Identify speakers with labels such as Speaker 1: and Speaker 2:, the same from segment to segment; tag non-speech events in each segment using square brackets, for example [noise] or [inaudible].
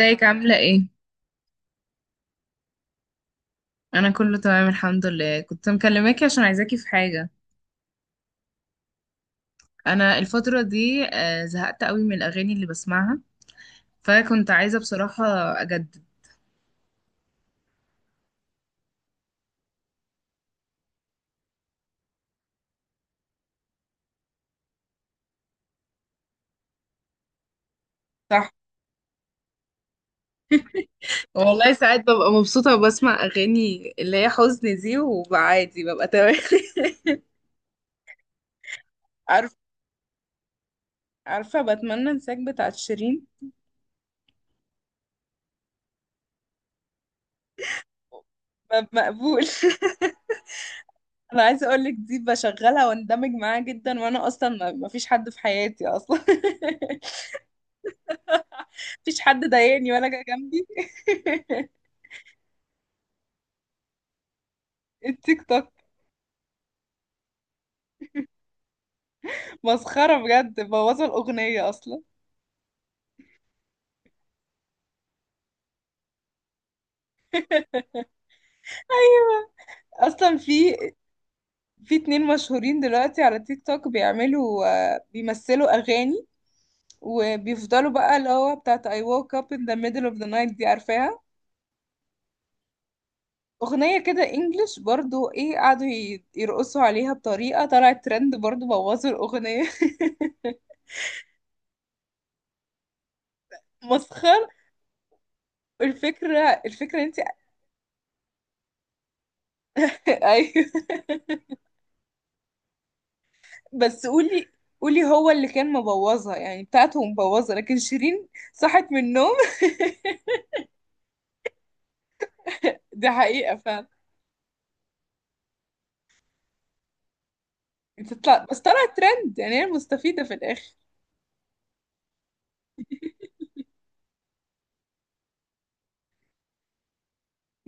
Speaker 1: ازيك عاملة ايه؟ أنا كله تمام الحمد لله. كنت مكلماكي عشان عايزاكي في حاجة. أنا الفترة دي زهقت قوي من الأغاني اللي بسمعها، فكنت عايزة بصراحة أجدد. صح. والله ساعات ببقى مبسوطة وبسمع أغاني اللي هي حزن دي وببقى عادي، ببقى تمام. [laughs] عارف، عارفة بتمنى انساك بتاعت شيرين. مقبول. [laughs] أنا عايزة أقولك، دي بشغلها واندمج معاها جدا، وأنا أصلا ما فيش حد في حياتي أصلا. [laughs] مفيش حد ضايقني ولا جه جنبي. [laughs] التيك توك مسخرة بجد، بوظوا الأغنية أصلا. أيوة أصلا في، في اتنين مشهورين دلوقتي على تيك توك بيعملوا، بيمثلوا أغاني وبيفضلوا بقى اللي هو بتاعت I woke up in the middle of the night دي، عارفاها؟ أغنية كده إنجلش برضو، إيه، قعدوا يرقصوا عليها بطريقة طلعت ترند، برضو بوظوا الأغنية. [laughs] مسخر. الفكرة، انت. [laughs] أيوة. بس قولي، قولي، هو اللي كان مبوظها يعني، بتاعته مبوظة، لكن شيرين صحت من النوم. [laughs] دي حقيقة فعلا. بتطلع، بس طلعت ترند، يعني هي المستفيدة في الآخر.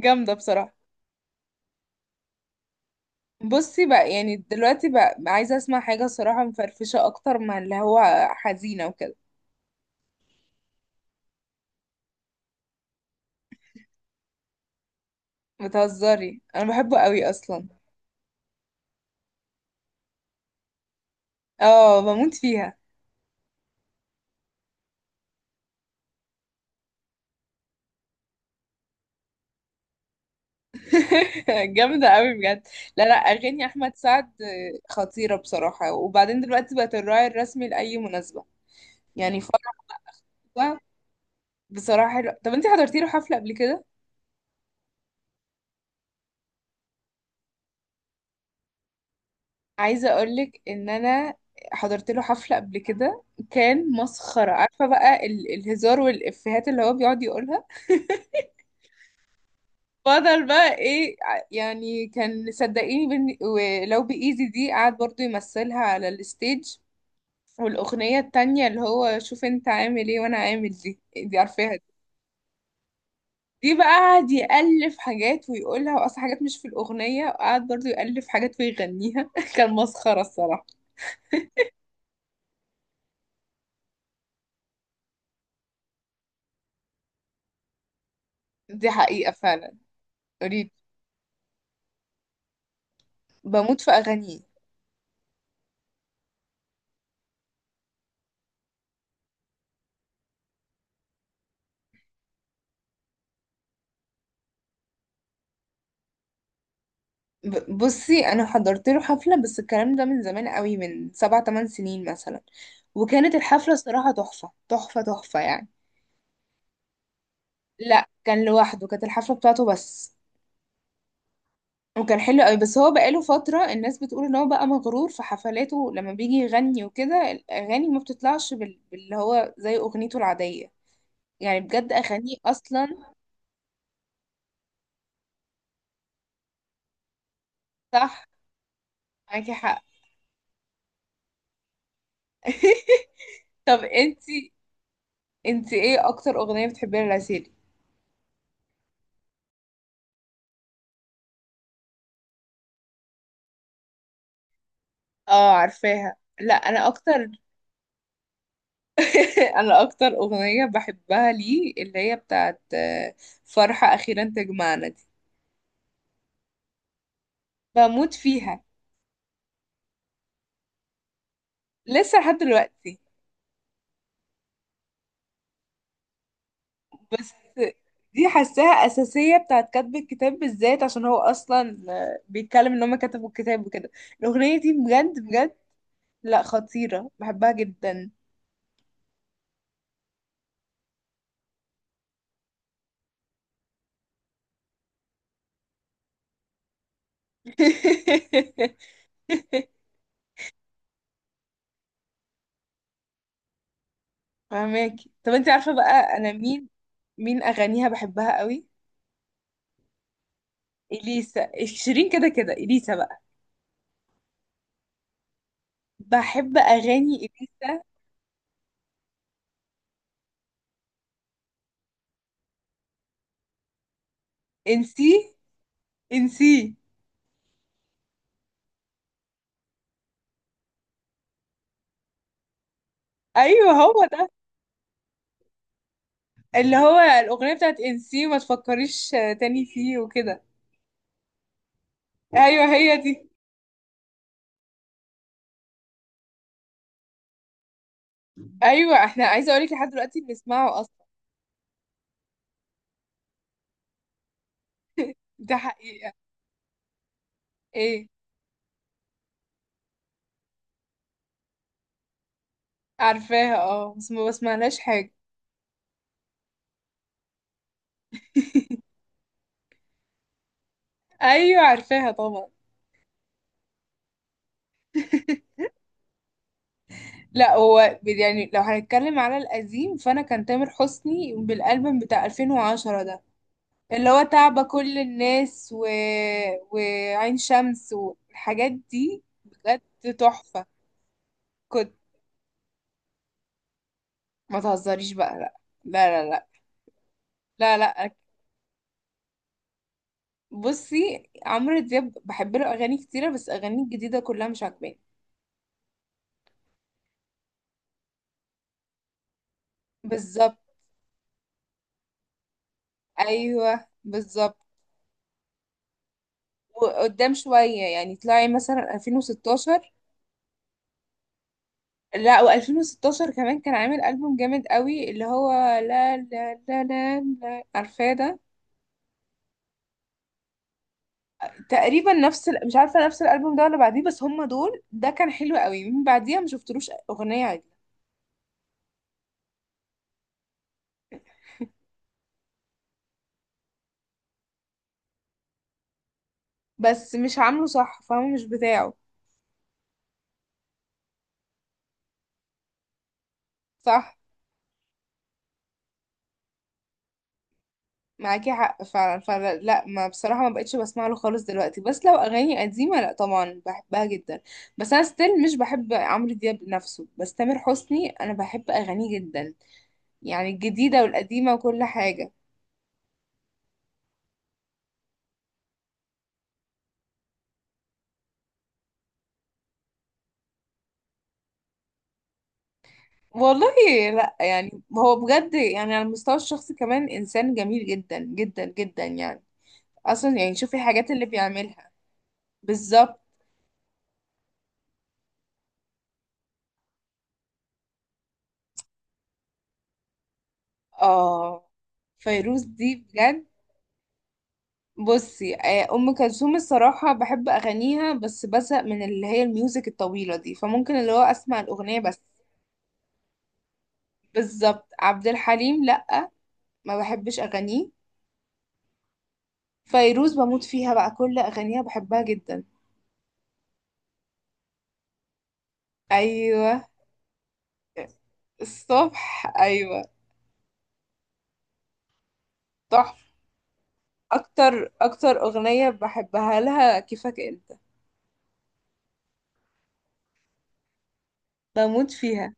Speaker 1: جامدة بصراحة. بصي بقى، يعني دلوقتي بقى عايزة اسمع حاجة صراحة مفرفشة أكتر من اللي هو حزينة وكده. بتهزري؟ أنا بحبه قوي أصلا. اه، بموت فيها. [laughs] جامدة قوي بجد. لا لا، أغاني أحمد سعد خطيرة بصراحة. وبعدين دلوقتي بقت الراعي الرسمي لأي مناسبة، يعني فرح بقى. بصراحة حلو. طب انت حضرتي له حفلة قبل كده؟ عايزة اقولك ان انا حضرت له حفلة قبل كده، كان مسخرة. عارفة بقى الهزار والإفيهات اللي هو بيقعد يقولها. [laughs] فضل بقى ايه، يعني كان، صدقيني ولو بإيزي دي قعد برضو يمثلها على الستيج. والأغنية التانية اللي هو شوف انت عامل ايه وانا عامل دي دي عارفاها دي؟ دي بقى قعد يألف حاجات ويقولها، وأصلا حاجات مش في الأغنية، وقعد برضو يألف حاجات ويغنيها. [laughs] كان مسخرة الصراحة. دي حقيقة فعلا. اريد بموت في اغانيه. بصي انا حضرت له حفلة، بس الكلام ده من زمان قوي، من سبع تمن سنين مثلا، وكانت الحفلة الصراحة تحفة تحفة تحفة يعني. لا كان لوحده، كانت الحفلة بتاعته بس، وكان حلو قوي. بس هو بقاله فترة الناس بتقول ان هو بقى مغرور في حفلاته لما بيجي يغني وكده، الاغاني ما بتطلعش باللي هو زي اغنيته العادية، يعني بجد اغانيه اصلا. صح. معاكي حق. [laughs] طب انتي، انت ايه اكتر اغنية بتحبيها لعسيلي؟ اه عارفاها. لا انا اكتر. [laughs] انا اكتر اغنية بحبها ليه اللي هي بتاعت فرحة اخيرا تجمعنا دي. بموت فيها لسه لحد دلوقتي. بس دي حاساها اساسية بتاعت كتب الكتاب بالذات، عشان هو اصلا بيتكلم ان هما كتبوا الكتاب وكده. الاغنية دي بجد بجد. لا خطيرة، بحبها جدا. [laughs] فهماكي؟ طب انت عارفة بقى انا مين، مين اغانيها بحبها قوي؟ اليسا. شيرين كده كده، اليسا بقى. بحب اغاني اليسا. انسي، انسي. ايوه هو ده. اللي هو الاغنية بتاعت انسي ما تفكريش تاني فيه وكده. ايوه هي دي. ايوه، احنا عايزة اقولك لحد دلوقتي بنسمعه اصلا. ده حقيقة. ايه؟ عارفاها اه، بس ما بسمعلهاش حاجة. [laughs] ايوه عارفاها طبعا. [laughs] لا هو يعني لو هنتكلم على القديم، فانا كان تامر حسني بالالبوم بتاع 2010 ده، اللي هو تعب كل الناس وعين شمس والحاجات دي بجد تحفة. كنت، ما تهزريش بقى. لا، لا لا لا لا, لا. بصي عمرو دياب بحب له اغاني كتيرة، بس اغاني الجديدة كلها مش عاجباني. بالظبط. ايوه بالظبط. وقدام شوية يعني، طلعي مثلا 2016. لا و2016 كمان كان عامل ألبوم جامد قوي، اللي هو لا لا لا لا, لا. عارفاه ده؟ تقريبا نفس مش عارفة نفس الألبوم ده ولا بعديه، بس هما دول. ده كان حلو قوي، من بعديها ما شفتلوش أغنية عدلة. بس مش عامله صح، فاهمة؟ مش بتاعه. صح. معاكي حق فعلا فعلا. لا ما بصراحة ما بقتش بسمع له خالص دلوقتي، بس لو أغاني قديمة لا طبعا بحبها جدا. بس أنا ستيل مش بحب عمرو دياب نفسه، بس تامر حسني أنا بحب أغانيه جدا، يعني الجديدة والقديمة وكل حاجة. والله، لا يعني هو بجد يعني على المستوى الشخصي كمان انسان جميل جدا جدا جدا يعني، اصلا يعني شوفي الحاجات اللي بيعملها. بالظبط. اه فيروز دي بجد. بصي ام كلثوم الصراحه بحب اغانيها، بس بزهق من اللي هي الميوزك الطويله دي، فممكن اللي هو اسمع الاغنيه بس. بالظبط. عبد الحليم لا، ما بحبش اغانيه. فيروز بموت فيها بقى، كل اغانيها بحبها جدا. ايوه. الصبح ايوه. تحفه. اكتر اغنية بحبها لها كيفك انت. بموت فيها.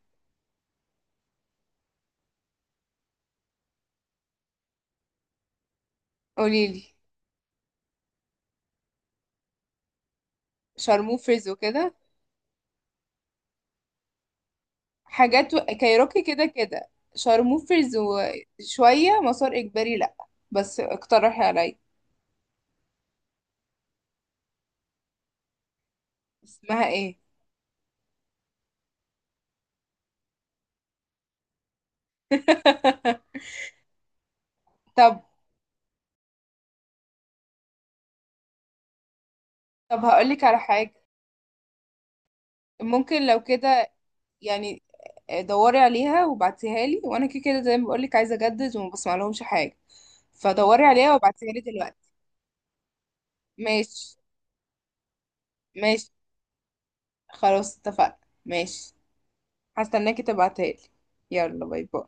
Speaker 1: قوليلي. شارموفرز وكده حاجات كايروكي كده كده. شارموفرز وشوية مسار اجباري لا، بس اقترحي عليا. اسمها ايه؟ [laughs] طب طب هقولك على حاجة. ممكن لو كده يعني، دوري عليها وبعتيها لي، وانا كده كده زي ما بقولك عايزة اجدد وما بسمع لهمش حاجة، فدوري عليها وابعتيها لي دلوقتي. ماشي. ماشي، خلاص اتفقنا. ماشي. هستناكي تبعتها لي. يلا باي باي.